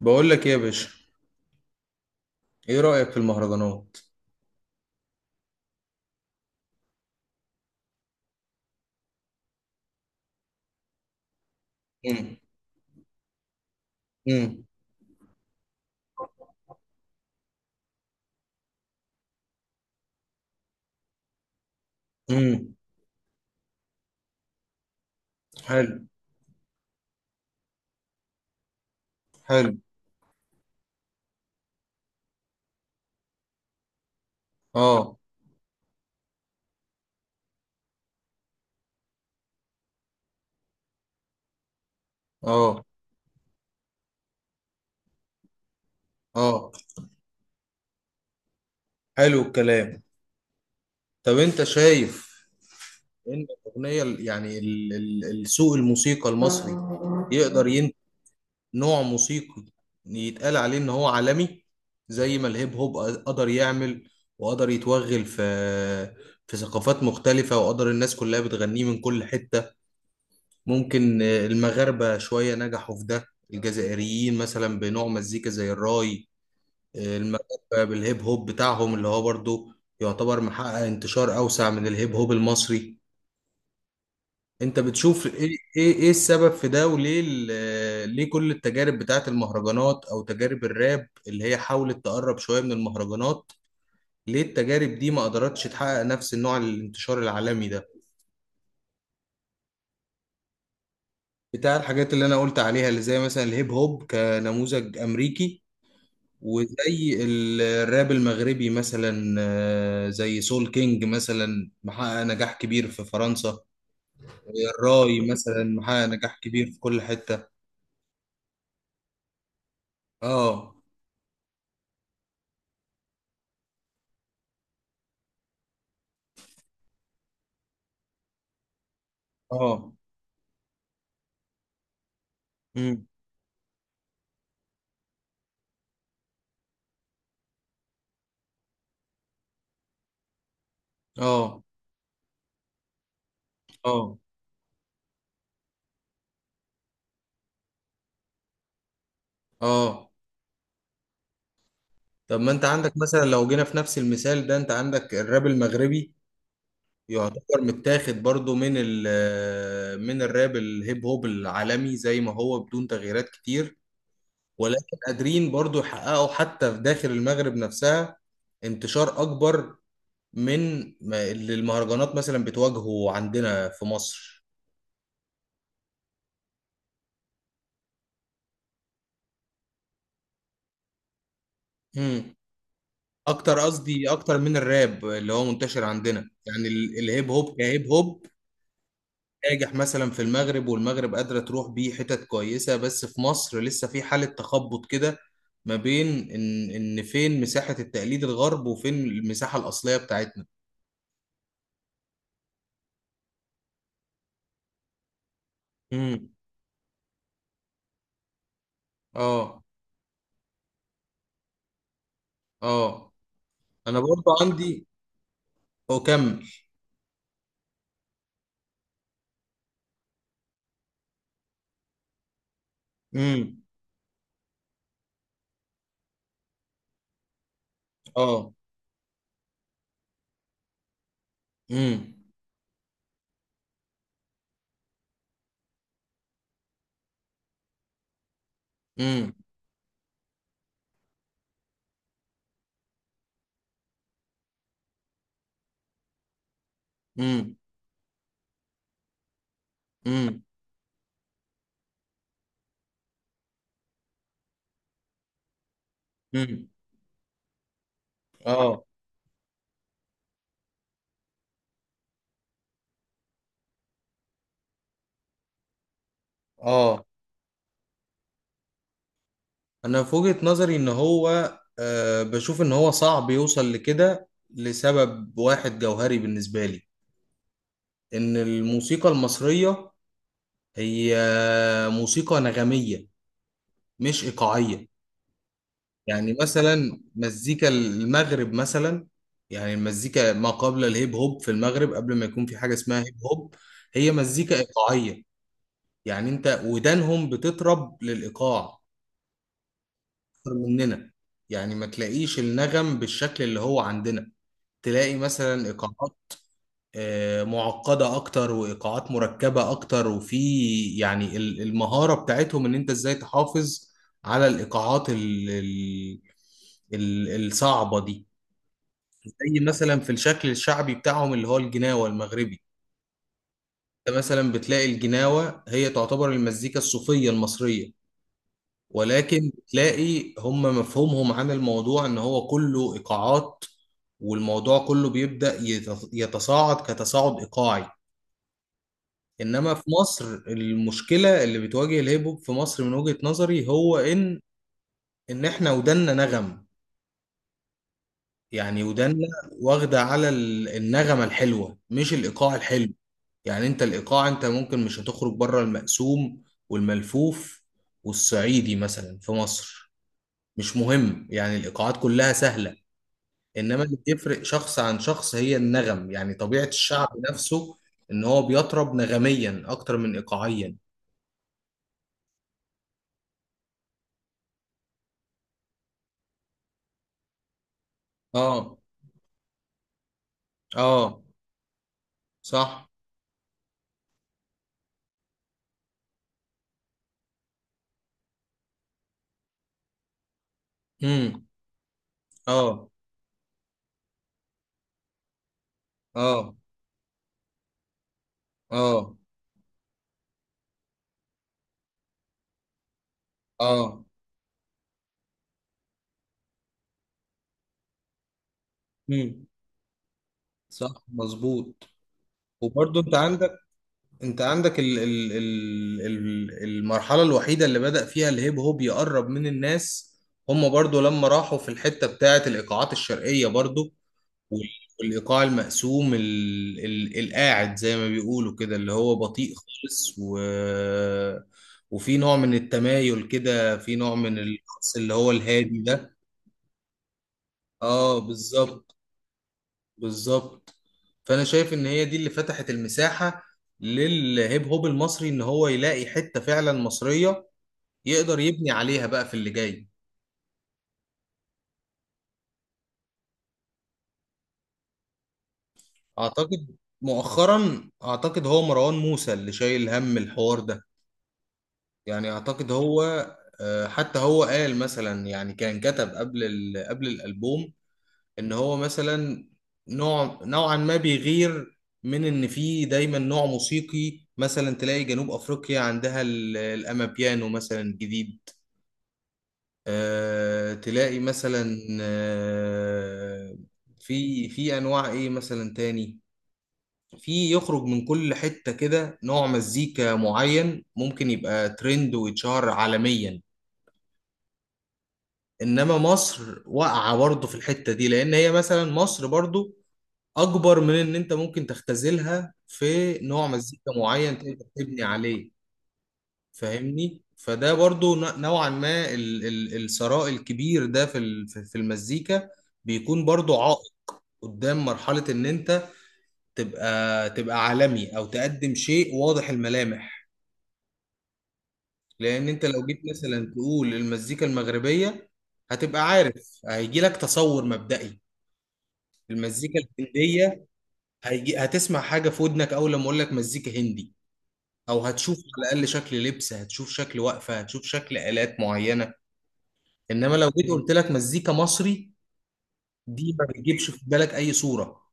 بقول لك ايه يا باشا. ايه رأيك في المهرجانات؟ امم. امم. امم. حلو. حلو. اه. اه. اه. حلو الكلام. طب انت شايف ان الاغنيه السوق الموسيقى المصري يقدر ين... نوع موسيقي يتقال عليه ان هو عالمي، زي ما الهيب هوب قدر يعمل وقدر يتوغل في ثقافات مختلفة، وقدر الناس كلها بتغنيه من كل حتة. ممكن المغاربة شوية نجحوا في ده. الجزائريين مثلا بنوع مزيكا زي الراي. المغاربة بالهيب هوب بتاعهم اللي هو برضو يعتبر محقق انتشار أوسع من الهيب هوب المصري. انت بتشوف ايه؟ ايه إيه السبب في ده وليه ليه كل التجارب بتاعت المهرجانات او تجارب الراب اللي هي حاولت تقرب شوية من المهرجانات، ليه التجارب دي ما قدرتش تحقق نفس النوع الانتشار العالمي ده؟ بتاع الحاجات اللي انا قلت عليها، اللي زي مثلا الهيب هوب كنموذج امريكي، وزي الراب المغربي مثلا، زي سول كينج مثلا محقق نجاح كبير في فرنسا. الراي مثلا محقق نجاح كبير في كل حتة. اه. اه. امم. اه. اه. اه. طب ما انت عندك مثلا لو جينا في نفس المثال ده، انت عندك الراب المغربي يعتبر متاخد برضو من ال من الراب الهيب هوب العالمي زي ما هو بدون تغييرات كتير، ولكن قادرين برضو يحققوا حتى في داخل المغرب نفسها انتشار أكبر من اللي المهرجانات مثلا بتواجهه عندنا في مصر. مم. أكتر، قصدي أكتر من الراب اللي هو منتشر عندنا، يعني الهيب هوب كهيب هوب ناجح مثلا في المغرب، والمغرب قادرة تروح بيه حتت كويسة، بس في مصر لسه في حالة تخبط كده ما بين إن فين مساحة التقليد الغرب وفين المساحة الأصلية بتاعتنا. مم. اه. اه. انا برضو عندي، اكمل. امم. اه. امم. امم. امم. امم. امم. اه. اه. انا في وجهة نظري ان هو آه بشوف ان هو صعب يوصل لكده لسبب واحد جوهري بالنسبة لي، ان الموسيقى المصرية هي موسيقى نغمية مش ايقاعية. يعني مثلا مزيكا المغرب مثلا، يعني المزيكا ما قبل الهيب هوب في المغرب، قبل ما يكون في حاجة اسمها هيب هوب، هي مزيكا إيقاعية. يعني انت ودانهم بتطرب للإيقاع أكتر مننا، يعني ما تلاقيش النغم بالشكل اللي هو عندنا، تلاقي مثلا إيقاعات معقدة أكتر وإيقاعات مركبة أكتر، وفي يعني المهارة بتاعتهم إن أنت إزاي تحافظ على الإيقاعات الصعبة دي. زي مثلا في الشكل الشعبي بتاعهم اللي هو الجناوة المغربي، انت مثلا بتلاقي الجناوة هي تعتبر المزيكا الصوفية المصرية، ولكن بتلاقي هم مفهومهم عن الموضوع ان هو كله ايقاعات، والموضوع كله بيبدأ يتصاعد كتصاعد ايقاعي. انما في مصر المشكلة اللي بتواجه الهيب هوب في مصر من وجهة نظري هو ان احنا ودنا نغم، يعني ودنا واخدة على النغمة الحلوة مش الايقاع الحلو. يعني انت الايقاع، انت ممكن مش هتخرج بره المقسوم والملفوف والصعيدي مثلا في مصر، مش مهم. يعني الايقاعات كلها سهله، انما اللي بيفرق شخص عن شخص هي النغم، يعني طبيعه الشعب نفسه ان هو بيطرب نغميا اكتر من ايقاعيا. اه. اه. صح. امم. اه. اه. اه. اه. امم. صح مظبوط. وبرضه انت عندك ال المرحلة الوحيدة اللي بدأ فيها الهيب هوب يقرب من الناس، هم برضو لما راحوا في الحتة بتاعة الإيقاعات الشرقية برضو، وال- والإيقاع المقسوم ال القاعد زي ما بيقولوا كده، اللي هو بطيء خالص، و وفي نوع من التمايل كده، في نوع من الرقص اللي هو الهادي ده. اه بالظبط، بالظبط. فانا شايف ان هي دي اللي فتحت المساحة للهيب هوب المصري ان هو يلاقي حتة فعلا مصرية يقدر يبني عليها بقى في اللي جاي. اعتقد مؤخرا اعتقد هو مروان موسى اللي شايل هم الحوار ده، يعني اعتقد هو حتى هو قال مثلا، يعني كان كتب قبل قبل الالبوم ان هو مثلا نوع نوعا ما بيغير، من ان في دايما نوع موسيقي، مثلا تلاقي جنوب افريقيا عندها الامابيانو مثلا جديد، آه تلاقي مثلا، آه في انواع ايه مثلا تاني، في يخرج من كل حتة كده نوع مزيكا معين ممكن يبقى ترند ويتشهر عالميا. انما مصر واقعة برضه في الحتة دي، لان هي مثلا مصر برضه اكبر من ان انت ممكن تختزلها في نوع مزيكا معين تقدر تبني عليه. فاهمني. فده برضو نوعا ما الثراء الكبير ده في في المزيكا بيكون برضو عائق قدام مرحلة ان انت تبقى عالمي او تقدم شيء واضح الملامح. لان انت لو جيت مثلا تقول المزيكا المغربية، هتبقى عارف هيجي لك تصور مبدئي. المزيكا الهندية، هيجي هتسمع حاجة في ودنك اول لما اقول لك مزيكا هندي، او هتشوف على الاقل شكل لبس، هتشوف شكل وقفه، هتشوف شكل الات معينه. انما لو جيت قلت لك مزيكا مصري، دي ما بتجيبش في بالك اي صوره،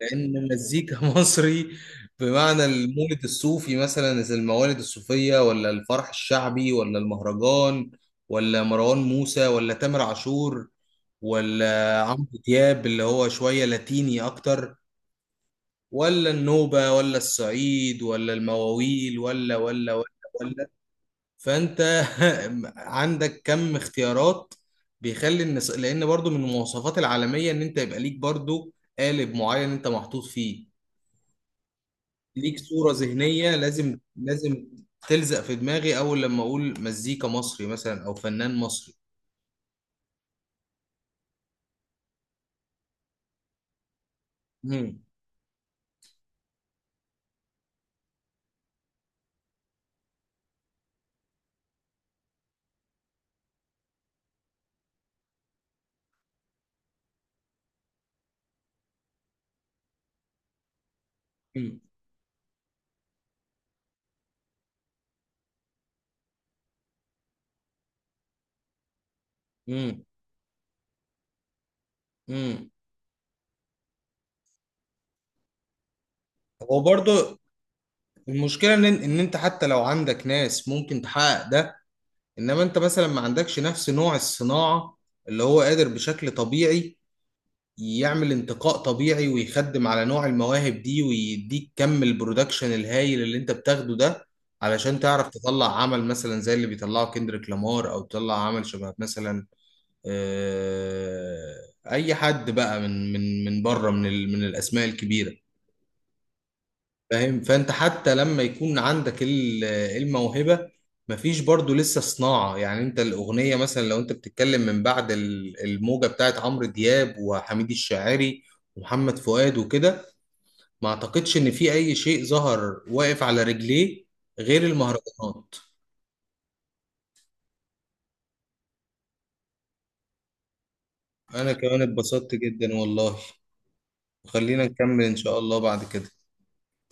لان مزيكا مصري، بمعنى المولد الصوفي مثلا زي الموالد الصوفيه، ولا الفرح الشعبي، ولا المهرجان، ولا مروان موسى، ولا تامر عاشور، ولا عمرو دياب اللي هو شويه لاتيني اكتر، ولا النوبه، ولا الصعيد، ولا المواويل، ولا ولا ولا. فانت عندك كم اختيارات بيخلي الناس، لان برضو من المواصفات العالميه ان انت يبقى ليك برضو قالب معين انت محطوط فيه، ليك صوره ذهنيه لازم لازم تلزق في دماغي اول لما اقول مزيكا مصري مثلا او فنان مصري. مم. مم. مم. مم. هو برضو المشكله ان انت حتى لو عندك ناس ممكن تحقق ده، انما انت مثلا ما عندكش نفس نوع الصناعه اللي هو قادر بشكل طبيعي يعمل انتقاء طبيعي، ويخدم على نوع المواهب دي، ويديك كم البرودكشن الهايل اللي انت بتاخده ده، علشان تعرف تطلع عمل مثلا زي اللي بيطلعه كندريك لامار، او تطلع عمل شبه مثلا اي حد بقى من بره من من الاسماء الكبيره، فاهم. فانت حتى لما يكون عندك الموهبه، مفيش برضو لسه صناعه. يعني انت الاغنيه مثلا، لو انت بتتكلم من بعد الموجه بتاعت عمرو دياب وحميد الشاعري ومحمد فؤاد وكده، ما اعتقدش ان في اي شيء ظهر واقف على رجليه غير المهرجانات. انا كمان اتبسطت جدا والله. خلينا نكمل ان شاء الله بعد كده.